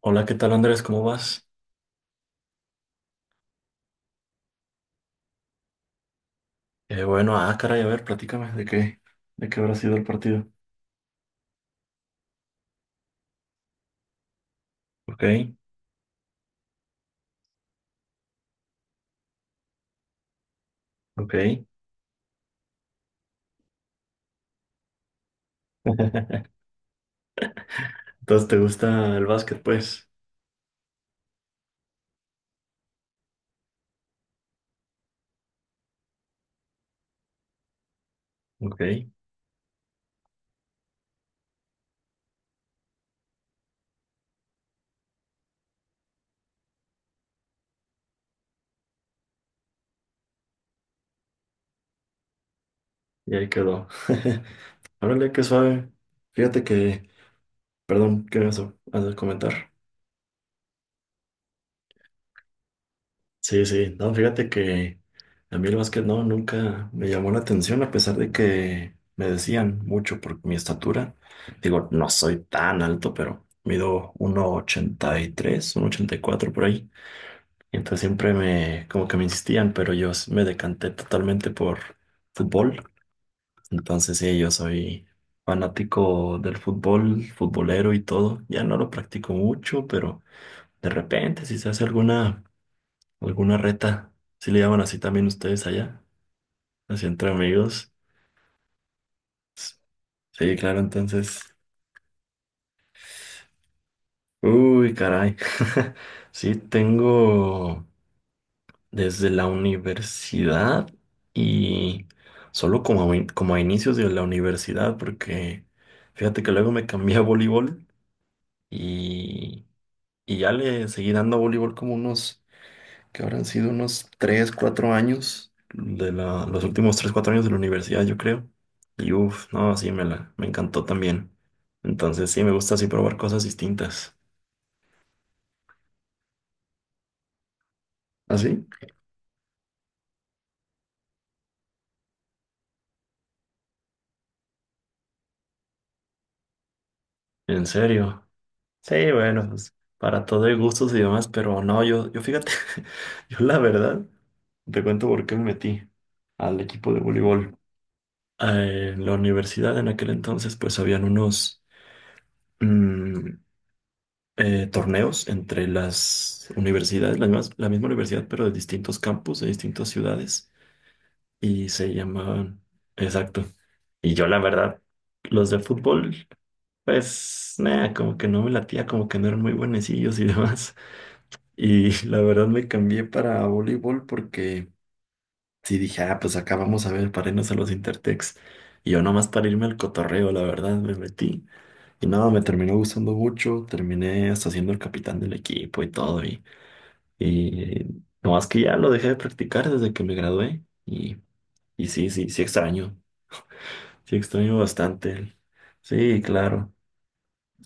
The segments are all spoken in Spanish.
Hola, ¿qué tal Andrés? ¿Cómo vas? Bueno, ah, caray, a ver, platícame de qué habrá sido el partido. Ok, ok. Entonces, ¿te gusta el básquet, pues? Ok, y ahí quedó. Órale, qué suave. Fíjate que, perdón, ¿qué vas a comentar? Sí, sí, no, fíjate que a mí el básquet no, nunca me llamó la atención, a pesar de que me decían mucho por mi estatura. Digo, no soy tan alto, pero mido uno ochenta y tres, uno ochenta y cuatro por ahí. Entonces siempre me, como que me insistían, pero yo me decanté totalmente por fútbol. Entonces sí, yo soy fanático del fútbol, futbolero y todo. Ya no lo practico mucho, pero de repente si se hace alguna reta, si le llaman así también ustedes allá, así entre amigos. S- Sí, claro, entonces... Uy, caray. Sí, tengo desde la universidad y solo como a inicios de la universidad, porque fíjate que luego me cambié a voleibol, y, y ya le seguí dando a voleibol como unos, que habrán sido unos 3 4 años, los últimos 3 4 años de la universidad, yo creo. Y uff, no, sí, me encantó también. Entonces sí, me gusta así probar cosas distintas. ¿Así? ¿En serio? Sí, bueno, pues para todo hay gustos y demás, pero no, yo fíjate, yo la verdad, te cuento por qué me metí al equipo de voleibol. En la universidad en aquel entonces, pues habían unos mm, torneos entre las universidades, la misma universidad, pero de distintos campus, de distintas ciudades, y se llamaban... Exacto. Y yo la verdad, los de fútbol, pues, nada, como que no me latía, como que no eran muy buenecillos y demás. Y la verdad me cambié para voleibol porque sí dije, ah, pues acá vamos a ver para irnos a los Intertex. Y yo nomás para irme al cotorreo, la verdad, me metí. Y nada, me terminó gustando mucho, terminé hasta siendo el capitán del equipo y todo. Y nomás que ya lo dejé de practicar desde que me gradué. Y sí, sí, sí extraño bastante. Sí, claro.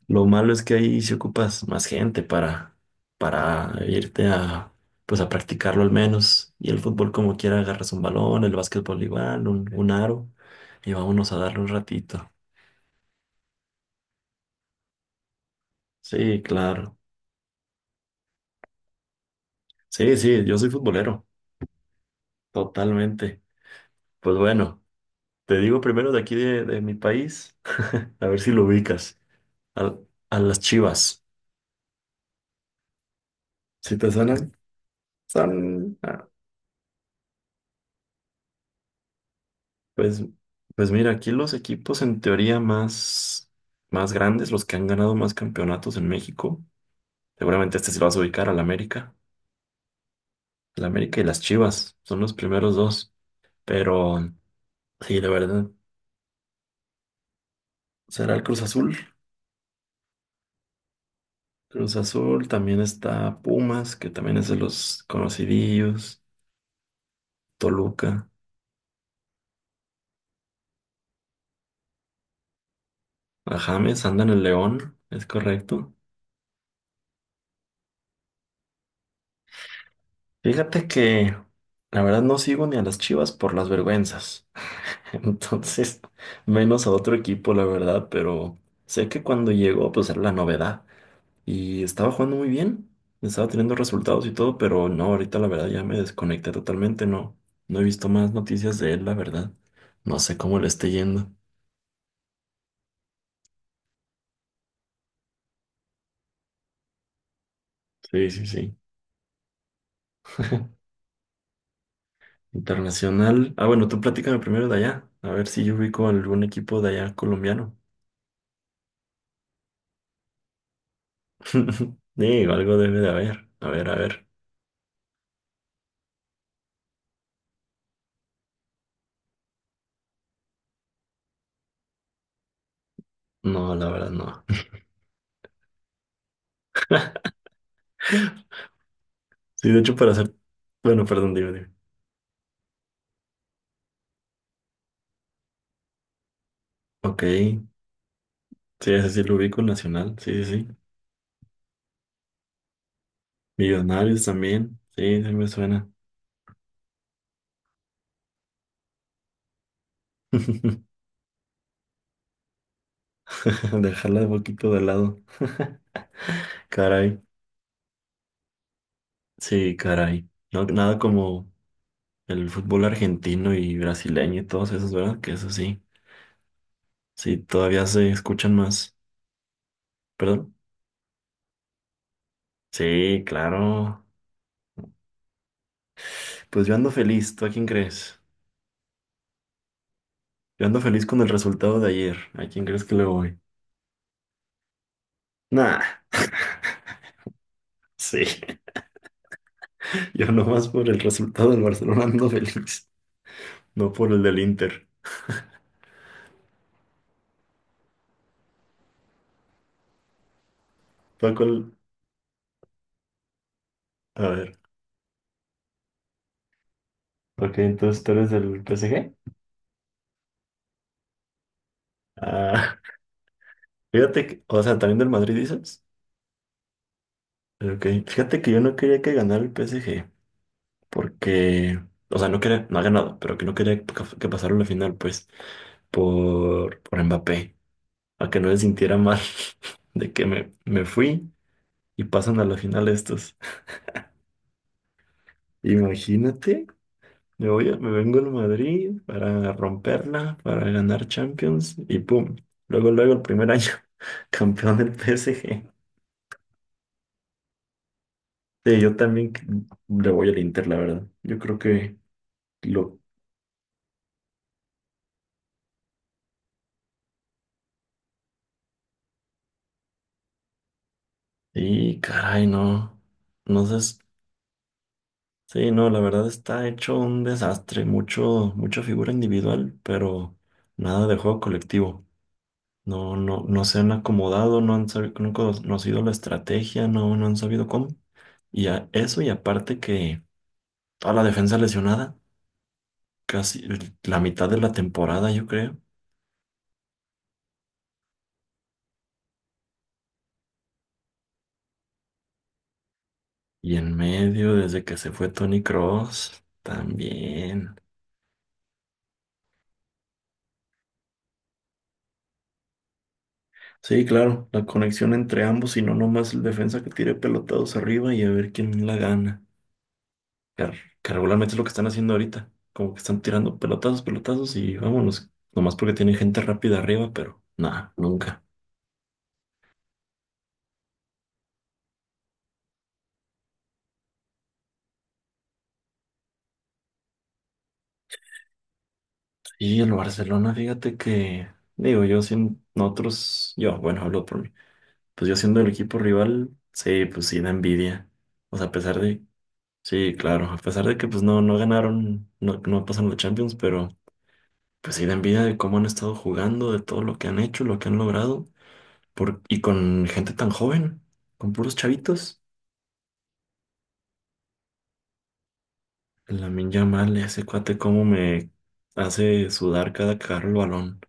Lo malo es que ahí si ocupas más gente para irte a, pues a practicarlo al menos. Y el fútbol como quiera agarras un balón, el básquetbol igual, un aro, y vámonos a darle un ratito. Sí, claro. Sí, sí, yo soy futbolero, totalmente. Pues bueno, te digo primero de aquí de mi país, a ver si lo ubicas. Al- a las Chivas. ¿Sí te suenan? Son, ah... Pues, pues mira, aquí los equipos en teoría más grandes, los que han ganado más campeonatos en México, seguramente este se lo vas a ubicar al América. El América y las Chivas son los primeros dos, pero sí, la verdad, será el Cruz Azul. Cruz Azul, también está Pumas, que también es de los conocidillos, Toluca, a James, anda en el León, es correcto. Fíjate que la verdad no sigo ni a las Chivas por las vergüenzas. Entonces, menos a otro equipo, la verdad, pero sé que cuando llegó, pues era la novedad. Y estaba jugando muy bien, estaba teniendo resultados y todo, pero no, ahorita la verdad ya me desconecté totalmente, no, no he visto más noticias de él, la verdad. No sé cómo le esté yendo. Sí, sí, sí. Internacional. Ah, bueno, tú platícame primero de allá, a ver si yo ubico algún equipo de allá colombiano. Digo, algo debe de haber. A ver, a ver. No, la verdad no. Sí, de hecho, para hacer... Bueno, perdón, dime, dime. Ok. Sí, ese sí lo ubico, el Nacional, sí, sí, sí. Millonarios también, sí, sí me suena. Dejarla un poquito de lado. Caray, sí, caray. No, nada como el fútbol argentino y brasileño y todos esos, ¿verdad? Que eso sí, sí, todavía se escuchan más. ¿Perdón? Sí, claro. Pues yo ando feliz, ¿tú a quién crees? Yo ando feliz con el resultado de ayer. ¿A quién crees que le voy? Nah, sí, yo nomás por el resultado del Barcelona ando feliz. No por el del Inter. ¿Tú a cuál? A ver. Ok, entonces tú eres del PSG. Ah, fíjate que, o sea, también del Madrid dices. Ok, fíjate que yo no quería que ganara el PSG, porque, o sea, no quería, no ha ganado, pero que no quería que pasara la final, pues, por Mbappé, a que no se sintiera mal de que me fui y pasan a la final estos. Imagínate. Me vengo al Madrid para romperla, para ganar Champions y pum. Luego, luego el primer año, campeón del PSG. Sí, yo también le voy al Inter, la verdad. Yo creo que lo... Y caray, no. No sé. Sí, no, la verdad está hecho un desastre. Mucha figura individual, pero nada de juego colectivo. No, no, no se han acomodado, no han sabido, no han conocido la estrategia, no, no han sabido cómo. Y a eso, y aparte que toda la defensa lesionada, casi la mitad de la temporada, yo creo. Y en medio, desde que se fue Tony Cross también. Sí, claro, la conexión entre ambos y no nomás el defensa que tire pelotados arriba y a ver quién la gana. Car- Que, regularmente es lo que están haciendo ahorita. Como que están tirando pelotazos, pelotazos y vámonos. Nomás porque tienen gente rápida arriba, pero nada, nunca. Y el Barcelona, fíjate que, digo, yo sin nosotros, yo, bueno, hablo por mí. Pues yo siendo el equipo rival, sí, pues sí da envidia. O sea, a pesar de, sí, claro, a pesar de que pues no, no ganaron, no, no pasaron la Champions, pero pues sí da envidia de cómo han estado jugando, de todo lo que han hecho, lo que han logrado, por, y con gente tan joven, con puros chavitos. Lamine Yamal, ese cuate, cómo me hace sudar cada que agarra el balón.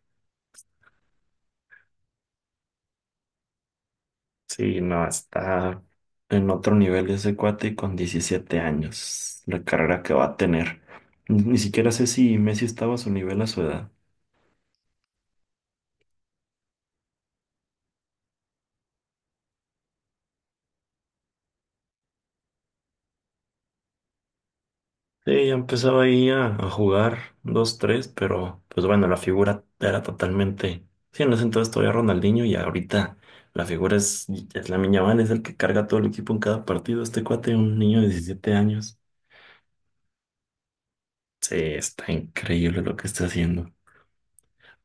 Sí, no, está en otro nivel ese cuate y con 17 años, la carrera que va a tener. Ni siquiera sé si Messi estaba a su nivel a su edad. Sí, ya empezaba ahí a jugar dos, tres, pero pues bueno, la figura era totalmente... Sí, en ese entonces todavía Ronaldinho y ahorita la figura es Lamine Yamal, es el que carga todo el equipo en cada partido. Este cuate, un niño de 17 años. Sí, está increíble lo que está haciendo.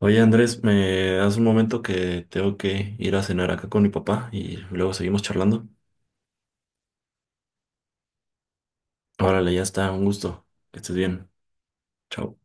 Oye Andrés, me hace un momento que tengo que ir a cenar acá con mi papá y luego seguimos charlando. Órale, ya está, un gusto. Que estés bien. Chao.